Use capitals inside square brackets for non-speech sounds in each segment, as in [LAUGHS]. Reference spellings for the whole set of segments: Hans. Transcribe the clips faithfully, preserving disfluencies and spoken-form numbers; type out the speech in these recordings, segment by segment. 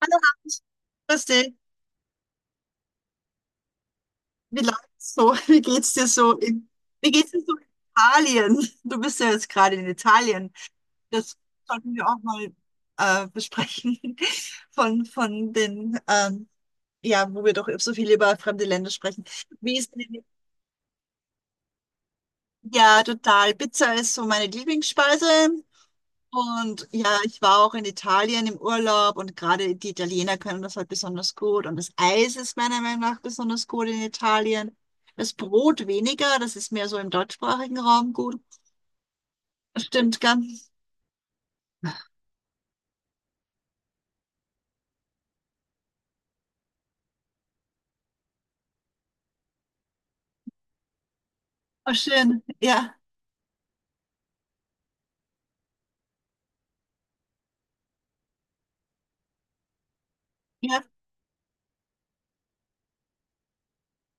Hallo, Hans. Grüß dich. Wie läuft's so? [LAUGHS] Wie geht's dir so in, wie geht's dir so in Italien? Du bist ja jetzt gerade in Italien. Das sollten wir auch mal äh, besprechen [LAUGHS] von, von den, ähm, ja, wo wir doch so viel über fremde Länder sprechen. Wie ist denn, ja, total. Pizza ist so meine Lieblingsspeise. Und ja, ich war auch in Italien im Urlaub und gerade die Italiener können das halt besonders gut. Und das Eis ist meiner Meinung nach besonders gut in Italien. Das Brot weniger, das ist mehr so im deutschsprachigen Raum gut. Stimmt ganz. Oh, schön. Ja, ja.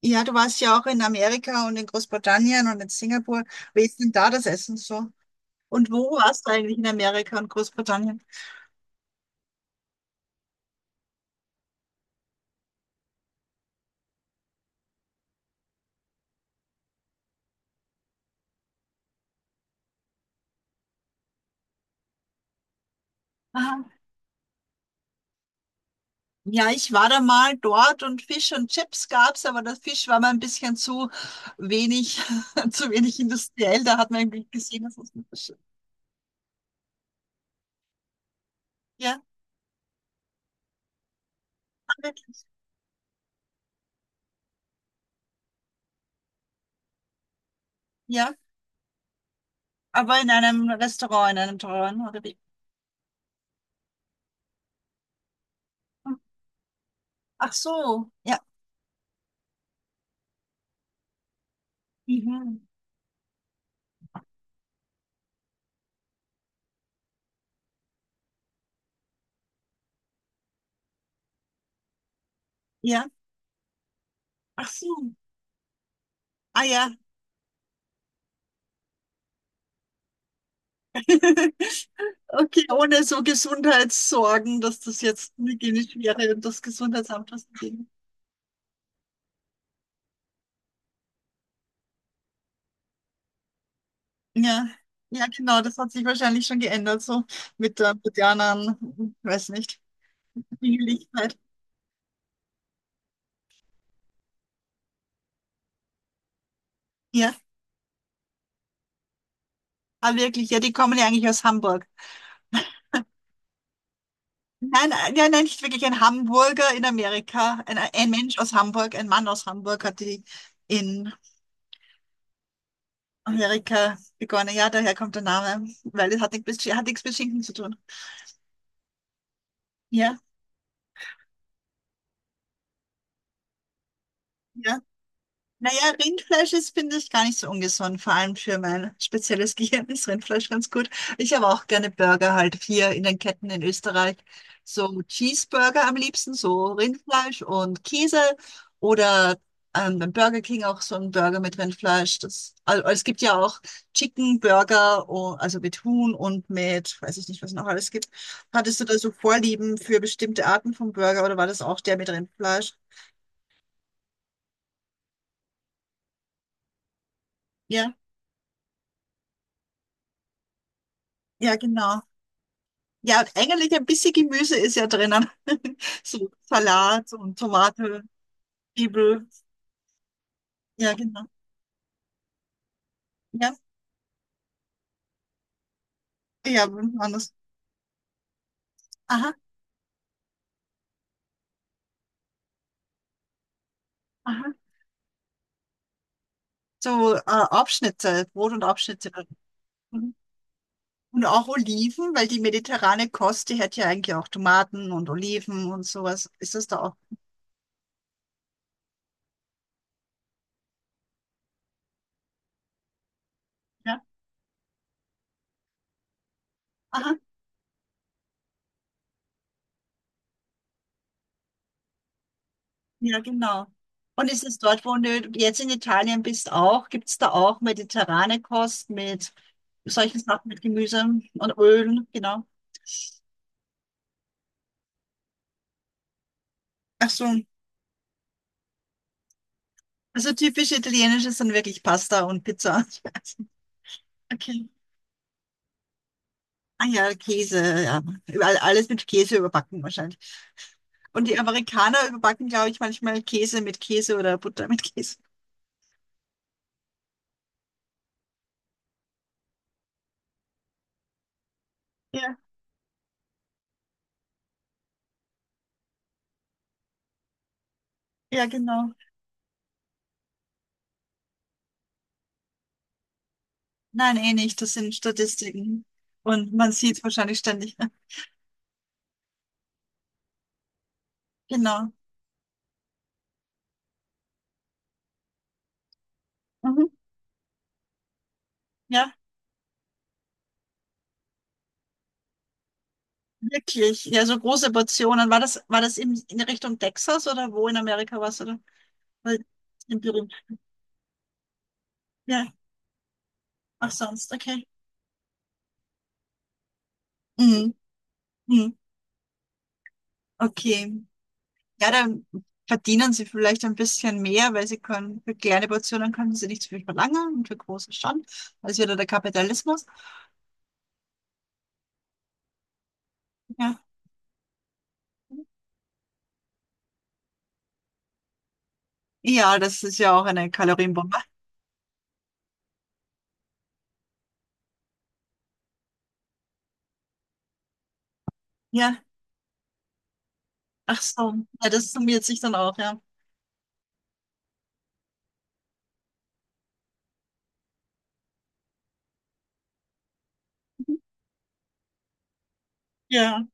Ja, du warst ja auch in Amerika und in Großbritannien und in Singapur. Wie ist denn da das Essen so? Und wo warst du eigentlich in Amerika und Großbritannien? Ja, ich war da mal dort und Fisch und Chips gab's, aber der Fisch war mir ein bisschen zu wenig, [LAUGHS] zu wenig industriell. Da hat man irgendwie gesehen, dass es nicht so- Ja, ah, wirklich. Ja, aber in einem Restaurant, in einem teuren, oder wie? Hm. Ach so, ja. Mhm. Ja, ach so. Ah ja. [LAUGHS] Okay, ohne so Gesundheitssorgen, dass das jetzt hygienisch wäre und das Gesundheitsamt was dagegen. Ja, ja, genau, das hat sich wahrscheinlich schon geändert, so mit der modernen, weiß nicht, Jünglichkeit. Ja, ah, wirklich, ja, die kommen ja eigentlich aus Hamburg. Nein, äh, ja, nein, nicht wirklich ein Hamburger in Amerika. Ein, ein Mensch aus Hamburg, ein Mann aus Hamburg hat die in Amerika begonnen. Ja, daher kommt der Name, weil es hat nichts mit, hat nichts mit Schinken zu tun. Ja, ja. Naja, Rindfleisch ist, finde ich, gar nicht so ungesund. Vor allem für mein spezielles [LAUGHS] Gehirn ist Rindfleisch ganz gut. Ich habe auch gerne Burger halt hier in den Ketten in Österreich. So Cheeseburger am liebsten, so Rindfleisch und Käse oder ähm, beim Burger King auch so ein Burger mit Rindfleisch. Das, also, es gibt ja auch Chicken Burger, o- also mit Huhn und mit, weiß ich nicht, was noch alles gibt. Hattest du da so Vorlieben für bestimmte Arten von Burger oder war das auch der mit Rindfleisch? Ja, ja, genau. Ja, und eigentlich ein bisschen Gemüse ist ja drinnen. [LAUGHS] So Salat und Tomate, Zwiebel. Ja, genau. Ja, ja, anders. Aha, aha. So äh, Abschnitte, Brot und Abschnitte. Mhm. Und auch Oliven, weil die mediterrane Kost, die hat ja eigentlich auch Tomaten und Oliven und sowas. Ist das da auch? Ja, aha, ja, genau. Und ist es dort, wo du jetzt in Italien bist, auch? Gibt es da auch mediterrane Kost mit solchen Sachen, mit Gemüse und Ölen? Genau. Ach so. Also typisch italienische sind wirklich Pasta und Pizza. [LAUGHS] Okay. Ah ja, Käse, ja. Überall, alles mit Käse überbacken wahrscheinlich. Und die Amerikaner überbacken, glaube ich, manchmal Käse mit Käse oder Butter mit Käse. Ja, ja, genau. Nein, eh nicht. Das sind Statistiken. Und man sieht es wahrscheinlich ständig. [LAUGHS] Genau. Mhm. Ja, wirklich. Ja, so große Portionen. War das, war das in, in Richtung Texas oder wo in Amerika war's, oder? Weil, in Berühmt. Ja, auch sonst. Okay. Mhm. Mhm. Okay. Ja, dann verdienen sie vielleicht ein bisschen mehr, weil sie können, für kleine Portionen können sie nicht so viel verlangen und für große schon. Das ist wieder der Kapitalismus. Ja. Ja, das ist ja auch eine Kalorienbombe. Ja. Ach so. Ja, das summiert sich dann auch, ja. Ja.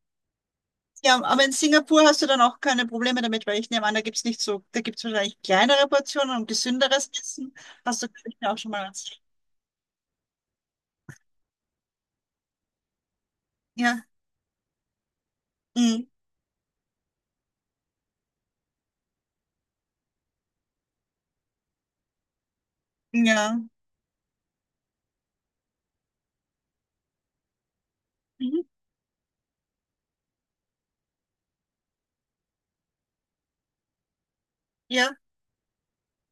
Ja, aber in Singapur hast du dann auch keine Probleme damit, weil ich nehme an, da gibt's nicht so, da gibt's wahrscheinlich kleinere Portionen und gesünderes Essen. Hast du vielleicht auch schon mal was? Ja. Mhm. Ja. Mhm. Ja.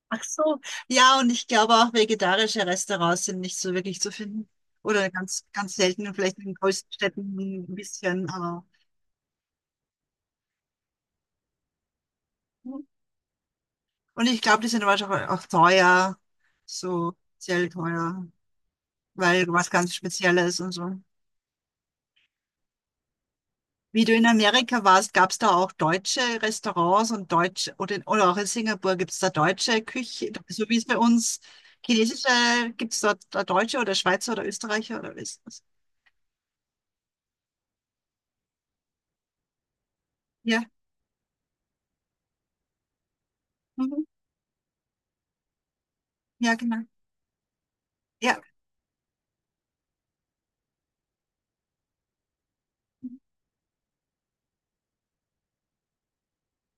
Ach so, ja, und ich glaube auch vegetarische Restaurants sind nicht so wirklich zu finden. Oder ganz, ganz selten und vielleicht in den größten Städten ein bisschen, aber. Und ich glaube, die sind aber auch, auch teuer, so sehr teuer, weil was ganz Spezielles und so. Wie du in Amerika warst, gab es da auch deutsche Restaurants und deutsche, oder, in, oder auch in Singapur gibt es da deutsche Küche, so wie es bei uns chinesische, gibt es dort da deutsche oder Schweizer oder Österreicher oder was? Ja, mhm. Ja, genau. Ja.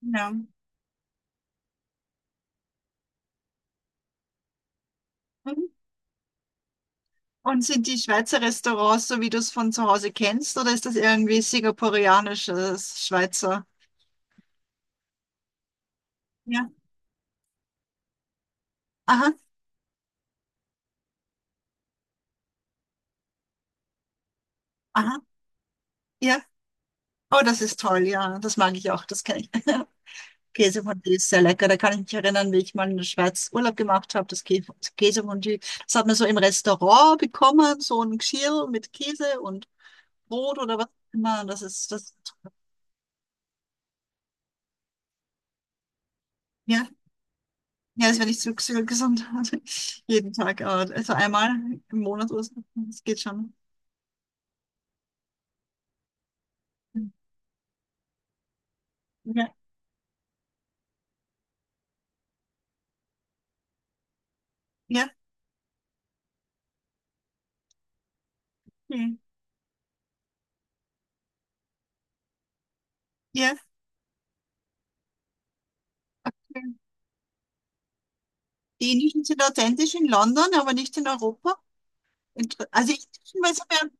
Ja. Mhm. Und sind die Schweizer Restaurants so, wie du es von zu Hause kennst, oder ist das irgendwie singapurianisches Schweizer? Ja. Aha, aha, ja. Oh, das ist toll, ja. Das mag ich auch, das kenne ich. [LAUGHS] Käsefondue ist sehr lecker. Da kann ich mich erinnern, wie ich mal in der Schweiz Urlaub gemacht habe, das Kä- Käsefondue. Das hat man so im Restaurant bekommen, so ein Geschirr mit Käse und Brot oder was immer. Das ist das. Ja, das wäre nicht so so gesund. Also [LAUGHS] jeden Tag, aber also einmal im Monat oder so. Das geht schon. Ja, ja, ja. Ja. Okay. Die Indischen sind authentisch in London, aber nicht in Europa. Inter- Also ich weiß mehr.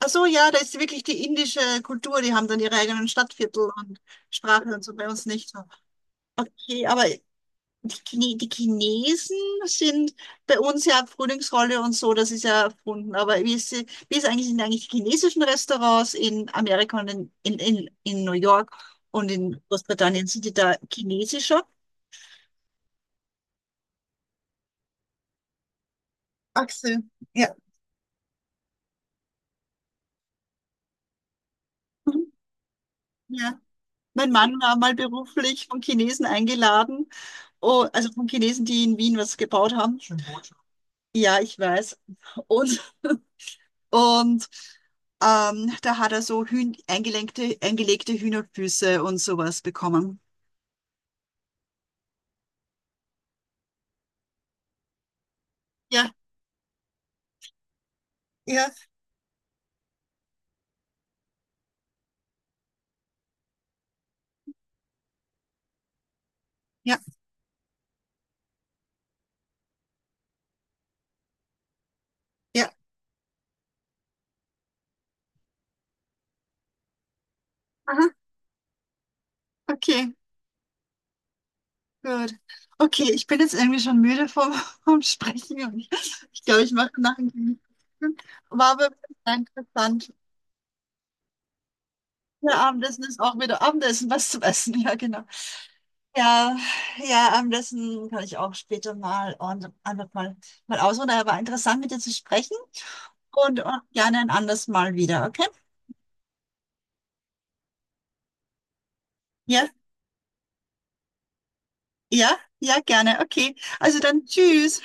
Ach so, ja, da ist wirklich die indische Kultur. Die haben dann ihre eigenen Stadtviertel und Sprache und so bei uns nicht so. Okay, aber Chine- Die Chinesen sind bei uns ja Frühlingsrolle und so, das ist ja erfunden. Aber wie ist, sie- wie ist eigentlich, sind eigentlich die chinesischen Restaurants in Amerika und in, in, in, in New York und in Großbritannien? Sind die da chinesischer? Achse, ja. Mhm. Ja. Mein Mann war mal beruflich von Chinesen eingeladen, oh, also von Chinesen, die in Wien was gebaut haben. Ja, ich weiß. Und [LAUGHS] Und ähm, da hat er so Hühn eingelenkte, eingelegte Hühnerfüße und sowas bekommen. Ja, ja. Ja, ja. Aha, okay, gut. Okay, ich bin jetzt irgendwie schon müde vom, [LAUGHS] vom Sprechen und ich glaube, ich mache nachher einen. War aber sehr interessant. Der Abendessen ist auch wieder Abendessen, was zu essen. Ja, genau. Ja, ja, ähm, das hm, kann ich auch später mal und einfach mal, mal ausruhen. Aber war interessant, mit dir zu sprechen und, äh, gerne ein anderes Mal wieder, okay? Ja, ja, ja, gerne. Okay. Also dann tschüss.